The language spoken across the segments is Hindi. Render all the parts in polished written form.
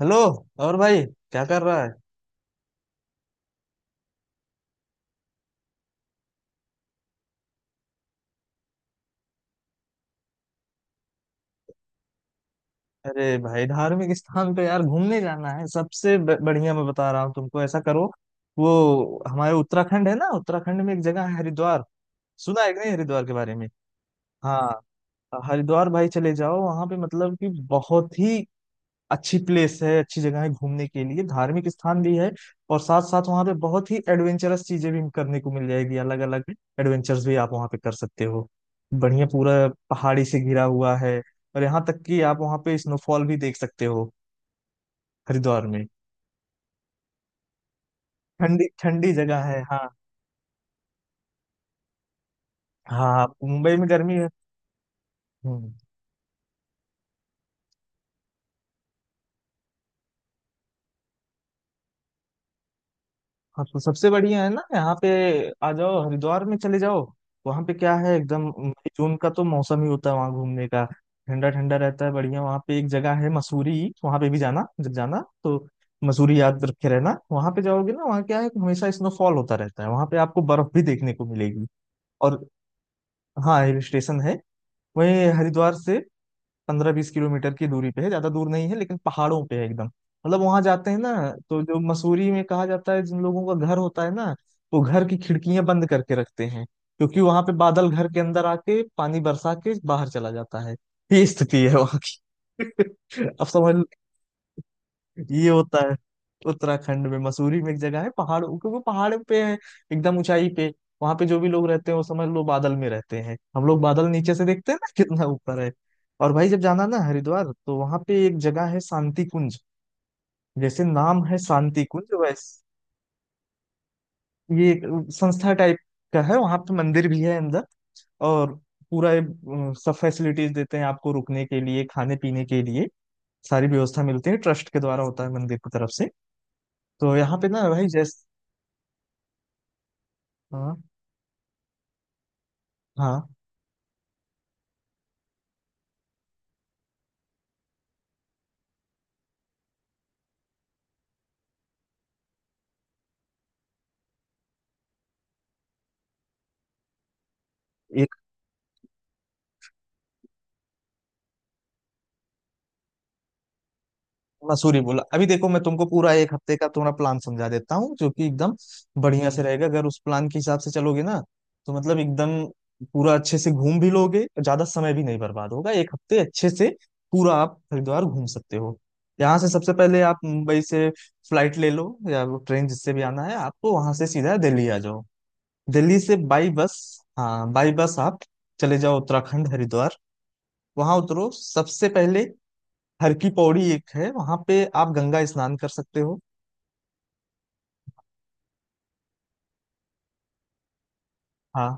हेलो। और भाई, क्या कर रहा है? अरे भाई, धार्मिक स्थान पे यार घूमने जाना है सबसे बढ़िया मैं बता रहा हूँ तुमको। ऐसा करो, वो हमारे उत्तराखंड है ना, उत्तराखंड में एक जगह है हरिद्वार। सुना है कि नहीं हरिद्वार के बारे में? हाँ, हरिद्वार भाई, चले जाओ वहां पे, मतलब कि बहुत ही अच्छी प्लेस है, अच्छी जगह है घूमने के लिए, धार्मिक स्थान भी है। और साथ साथ वहाँ पे बहुत ही एडवेंचरस चीजें भी करने को मिल जाएगी अलग अलग। एडवेंचर्स भी आप वहाँ पे कर सकते हो। बढ़िया पूरा पहाड़ी से घिरा हुआ है। और यहाँ तक कि आप वहाँ पे स्नोफॉल भी देख सकते हो हरिद्वार में। ठंडी ठंडी जगह है, हाँ। हाँ, मुंबई में गर्मी है। हम्म। हाँ, तो सबसे बढ़िया है ना, यहाँ पे आ जाओ, हरिद्वार में चले जाओ। वहाँ पे क्या है, एकदम मई जून का तो मौसम ही होता है वहाँ घूमने का। ठंडा ठंडा रहता है बढ़िया। वहाँ पे एक जगह है मसूरी, वहाँ पे भी जाना, जब जाना तो मसूरी याद रखे रहना। वहाँ पे जाओगे ना, वहाँ क्या है कि हमेशा स्नोफॉल होता रहता है, वहाँ पे आपको बर्फ भी देखने को मिलेगी। और हाँ, हिल स्टेशन है। वहीं हरिद्वार से 15-20 किलोमीटर की दूरी पे है, ज्यादा दूर नहीं है, लेकिन पहाड़ों पे है एकदम, मतलब वहां जाते हैं ना तो जो मसूरी में कहा जाता है, जिन लोगों का घर होता है ना, वो घर की खिड़कियां बंद करके रखते हैं, क्योंकि वहां पे बादल घर के अंदर आके पानी बरसा के बाहर चला जाता है। ये स्थिति है वहां की। अब समझ। ये होता है उत्तराखंड में, मसूरी में एक जगह है पहाड़, क्योंकि पहाड़ पे है एकदम ऊंचाई पे। वहां पे जो भी लोग रहते हैं वो समझ लो बादल में रहते हैं, हम लोग बादल नीचे से देखते हैं ना कितना ऊपर है। और भाई, जब जाना ना हरिद्वार, तो वहां पे एक जगह है शांति कुंज। जैसे नाम है शांति कुंज वैसे, ये एक संस्था टाइप का है, वहां पे मंदिर भी है अंदर। और पूरा ये, सब फैसिलिटीज देते हैं आपको रुकने के लिए, खाने पीने के लिए। सारी व्यवस्था मिलती है, ट्रस्ट के द्वारा होता है, मंदिर की तरफ से। तो यहाँ पे ना भाई, जैसे हाँ, हाँ। एक मसूरी बोला अभी, देखो मैं तुमको पूरा एक हफ्ते का थोड़ा प्लान समझा देता हूँ, जो कि एकदम बढ़िया से रहेगा अगर उस प्लान के हिसाब से चलोगे ना। तो मतलब एकदम पूरा अच्छे से घूम भी लोगे, ज्यादा समय भी नहीं बर्बाद होगा, एक हफ्ते अच्छे से पूरा आप हरिद्वार घूम सकते हो। यहाँ से सबसे पहले आप मुंबई से फ्लाइट ले लो या ट्रेन, जिससे भी आना है आपको, वहां से सीधा दिल्ली आ जाओ। दिल्ली से बाई बस। हाँ, बाई बस आप चले जाओ उत्तराखंड हरिद्वार। वहां उतरो सबसे पहले, हर की पौड़ी एक है, वहां पे आप गंगा स्नान कर सकते हो। हाँ,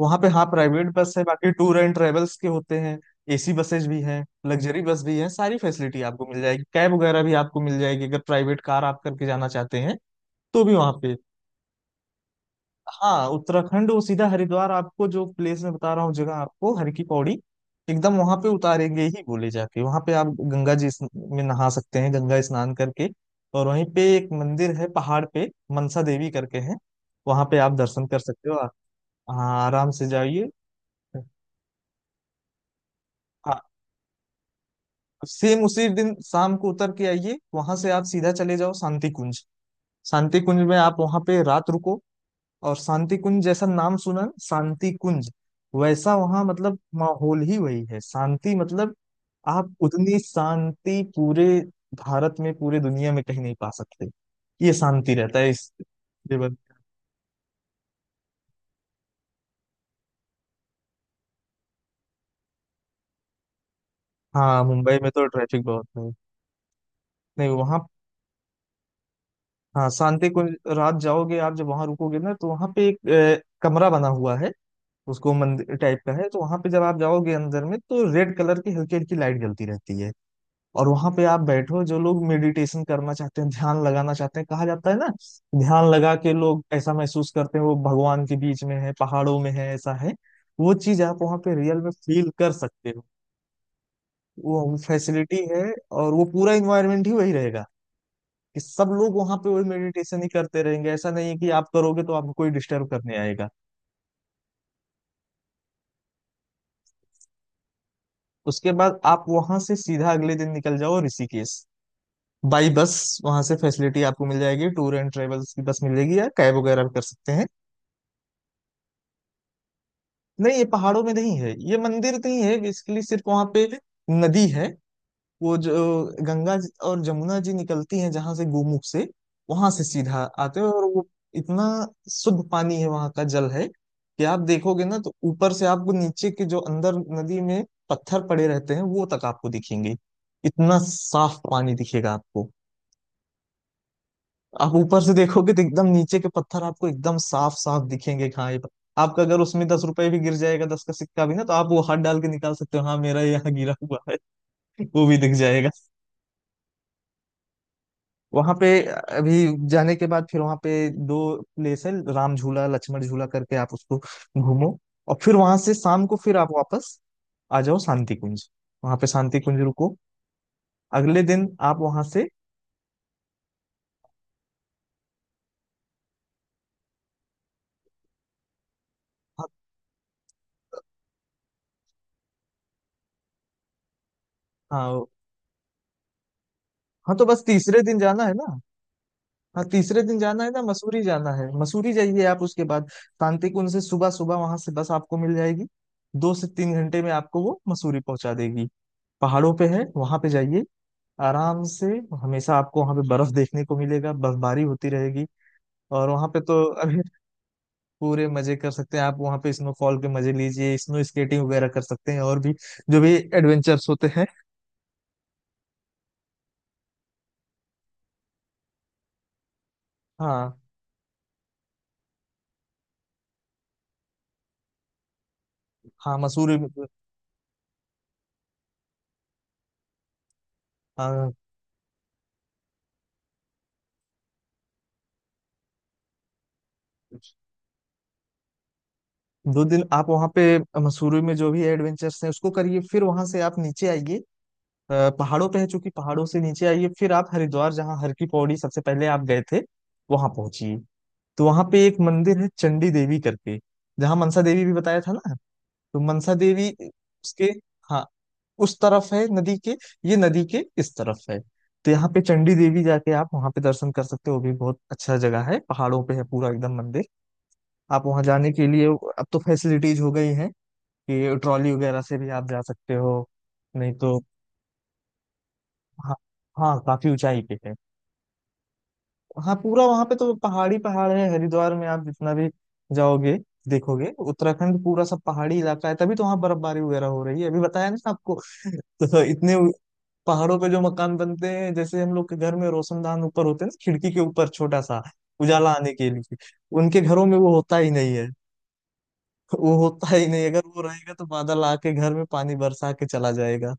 वहां पे हाँ, प्राइवेट बस है, बाकी टूर एंड ट्रेवल्स के होते हैं। एसी बसेज भी हैं, लग्जरी बस भी हैं, सारी फैसिलिटी आपको मिल जाएगी, कैब वगैरह भी आपको मिल जाएगी अगर प्राइवेट कार आप करके जाना चाहते हैं तो भी वहां पे। हाँ, उत्तराखंड वो सीधा हरिद्वार आपको जो प्लेस में बता रहा हूँ, जगह आपको हर की पौड़ी, एकदम वहां पे उतारेंगे ही, बोले जाके वहां पे आप गंगा जी में नहा सकते हैं, गंगा स्नान करके। और वहीं पे एक मंदिर है पहाड़ पे, मनसा देवी करके है, वहां पे आप दर्शन कर सकते हो। हाँ आराम से जाइए। हाँ, सेम उसी दिन शाम को उतर के आइए, वहां से आप सीधा चले जाओ शांति कुंज। शांति कुंज में आप वहां पे रात रुको। और शांति कुंज, जैसा नाम सुना ना, शांति कुंज, वैसा वहां मतलब माहौल ही वही है, शांति मतलब आप उतनी शांति पूरे भारत में, पूरे दुनिया में कहीं नहीं पा सकते। ये शांति रहता है, इस लेवल। हाँ, मुंबई में तो ट्रैफिक बहुत है, नहीं वहाँ। हाँ, शांति कुंज रात जाओगे आप, जब वहाँ रुकोगे ना, तो वहाँ पे एक कमरा बना हुआ है, उसको मंदिर टाइप का है, तो वहाँ पे जब आप जाओगे अंदर में, तो रेड कलर की हल्की हल्की लाइट जलती रहती है। और वहां पे आप बैठो, जो लोग मेडिटेशन करना चाहते हैं, ध्यान लगाना चाहते हैं, कहा जाता है ना, ध्यान लगा के लोग ऐसा महसूस करते हैं वो भगवान के बीच में है, पहाड़ों में है, ऐसा है। वो चीज आप वहां पे रियल में फील कर सकते हो। वो फैसिलिटी है, और वो पूरा इन्वायरमेंट ही वही रहेगा, कि सब लोग वहां पे वही मेडिटेशन ही करते रहेंगे, ऐसा नहीं है कि आप करोगे तो आपको कोई डिस्टर्ब करने आएगा। उसके बाद आप वहां से सीधा अगले दिन निकल जाओ ऋषिकेश, बाई बस। वहां से फैसिलिटी आपको मिल जाएगी, टूर एंड ट्रेवल्स की बस मिलेगी या कैब वगैरह भी कर सकते हैं। नहीं, ये पहाड़ों में नहीं है, ये मंदिर नहीं है बेसिकली, सिर्फ वहां पे नदी है। वो जो गंगा जी और जमुना जी निकलती हैं, जहां से गोमुख से वहां से सीधा आते हैं, और वो इतना शुद्ध पानी है वहां का, जल है कि आप देखोगे ना तो ऊपर से आपको नीचे के जो अंदर नदी में पत्थर पड़े रहते हैं वो तक आपको दिखेंगे। इतना साफ पानी दिखेगा आपको। आप ऊपर से देखोगे तो एकदम नीचे के पत्थर आपको एकदम साफ साफ दिखेंगे, कि हाँ ये आपका अगर उसमें 10 रुपए भी गिर जाएगा, 10 का सिक्का भी ना, तो आप वो हाथ डाल के निकाल सकते हो, हाँ मेरा यहाँ गिरा हुआ है। वो भी दिख जाएगा। वहां पे अभी जाने के बाद फिर वहां पे दो प्लेस है, राम झूला, लक्ष्मण झूला करके, आप उसको घूमो। और फिर वहां से शाम को फिर आप वापस आ जाओ शांति कुंज, वहां पे शांति कुंज रुको। अगले दिन आप वहां से हाँ, हाँ हाँ, तो बस तीसरे दिन जाना है ना। हाँ, तीसरे दिन जाना है ना, मसूरी जाना है, मसूरी जाइए आप उसके बाद। शांतिकुंज से सुबह सुबह वहां से बस आपको मिल जाएगी, 2 से 3 घंटे में आपको वो मसूरी पहुंचा देगी। पहाड़ों पे है, वहां पे जाइए आराम से। हमेशा आपको वहां पे बर्फ देखने को मिलेगा, बर्फबारी होती रहेगी। और वहां पे तो अभी पूरे मजे कर सकते हैं आप, वहां पे स्नोफॉल के मजे लीजिए, स्नो स्केटिंग वगैरह कर सकते हैं और भी जो भी एडवेंचर्स होते हैं। हाँ। हाँ हाँ, 2 दिन आप वहाँ पे मसूरी में जो भी एडवेंचर्स हैं उसको करिए। फिर वहाँ से आप नीचे आइए, पहाड़ों पे है, चूंकि पहाड़ों से नीचे आइए फिर आप हरिद्वार, जहाँ हर की पौड़ी सबसे पहले आप गए थे वहाँ पहुंचिए। तो वहाँ पे एक मंदिर है चंडी देवी करके, जहाँ मनसा देवी भी बताया था ना, तो मनसा देवी उसके, हाँ, उस तरफ है नदी के, ये नदी के इस तरफ है। तो यहाँ पे चंडी देवी जाके आप वहाँ पे दर्शन कर सकते हो। वो भी बहुत अच्छा जगह है, पहाड़ों पे है, पूरा एकदम मंदिर। आप वहाँ जाने के लिए अब तो फैसिलिटीज हो गई हैं कि ट्रॉली वगैरह से भी आप जा सकते हो, नहीं तो हाँ। हाँ, काफी ऊंचाई पे है। हाँ, पूरा वहां पे तो पहाड़ी पहाड़ है, हरिद्वार में आप जितना भी जाओगे, देखोगे उत्तराखंड पूरा सब पहाड़ी इलाका है, तभी तो वहाँ बर्फबारी वगैरह हो रही है, अभी बताया ना आपको। तो पहाड़ों पे जो मकान बनते हैं, जैसे हम लोग के घर में रोशनदान ऊपर होते हैं ना, खिड़की के ऊपर छोटा सा उजाला आने के लिए, उनके घरों में वो होता ही नहीं है। वो होता ही नहीं, अगर वो रहेगा तो बादल आके घर में पानी बरसा के चला जाएगा।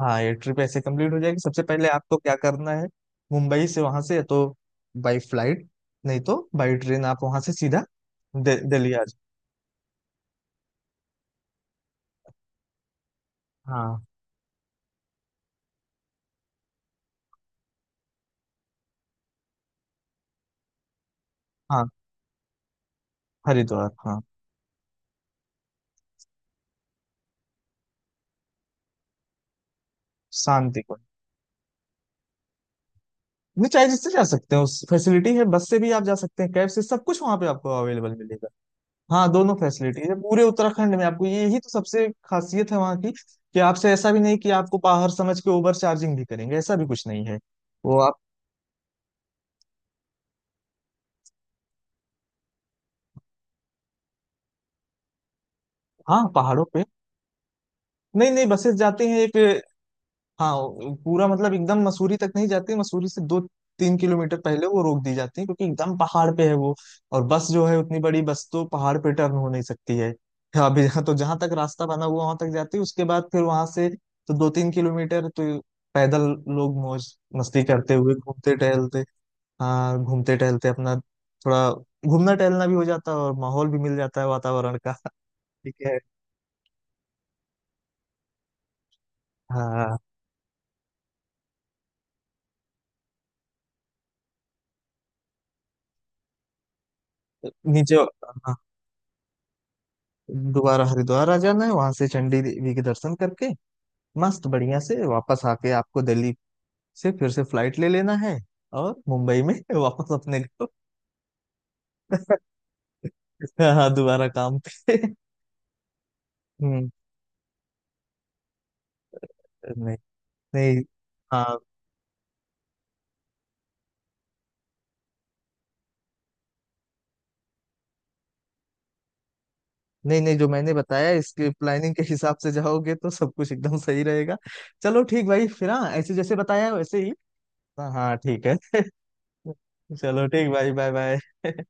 हाँ, ये ट्रिप ऐसे कंप्लीट हो जाएगी। सबसे पहले आपको क्या करना है, मुंबई से वहां से या तो बाई फ्लाइट, नहीं तो बाई ट्रेन आप वहां से सीधा दिल्ली आ जाओ। हाँ हाँ, हरिद्वार हाँ। शांति कुंज नहीं, चाहे जिससे जा सकते हैं उस फैसिलिटी है, बस से भी आप जा सकते हैं, कैब से, सब कुछ वहां पे आपको अवेलेबल मिलेगा। हाँ, दोनों फैसिलिटी है पूरे उत्तराखंड में, आपको यही तो सबसे खासियत है वहाँ की, कि आपसे ऐसा भी नहीं कि आपको बाहर समझ के ओवर चार्जिंग भी करेंगे, ऐसा भी कुछ नहीं है। वो आप हाँ, पहाड़ों पे नहीं, नहीं, बसेस जाती हैं एक। हाँ, वो पूरा मतलब एकदम मसूरी तक नहीं जाती, मसूरी से 2-3 किलोमीटर पहले वो रोक दी जाती है, क्योंकि एकदम पहाड़ पे है वो। और बस जो है, उतनी बड़ी बस तो पहाड़ पे टर्न हो नहीं सकती है। हाँ, अभी यहाँ तो जहां तक रास्ता बना हुआ वहां तक जाती है, उसके बाद फिर वहां से तो 2-3 किलोमीटर तो पैदल लोग मौज मस्ती करते हुए घूमते टहलते, हाँ, घूमते टहलते अपना थोड़ा घूमना टहलना भी हो जाता है, और माहौल भी मिल जाता है वातावरण का। ठीक है। हाँ नीचे, हाँ, दोबारा हरिद्वार आ जाना है, वहां से चंडी देवी के दर्शन करके मस्त बढ़िया से वापस आके आपको दिल्ली से फिर से फ्लाइट ले लेना है। और मुंबई में वापस अपने को। हाँ, दोबारा काम पे। हम्म। नहीं नहीं, हाँ। नहीं नहीं, जो मैंने बताया इसके प्लानिंग के हिसाब से जाओगे तो सब कुछ एकदम सही रहेगा। चलो ठीक भाई, फिर हाँ, ऐसे जैसे बताया है वैसे ही। हाँ हाँ, ठीक है। चलो ठीक भाई, बाय बाय।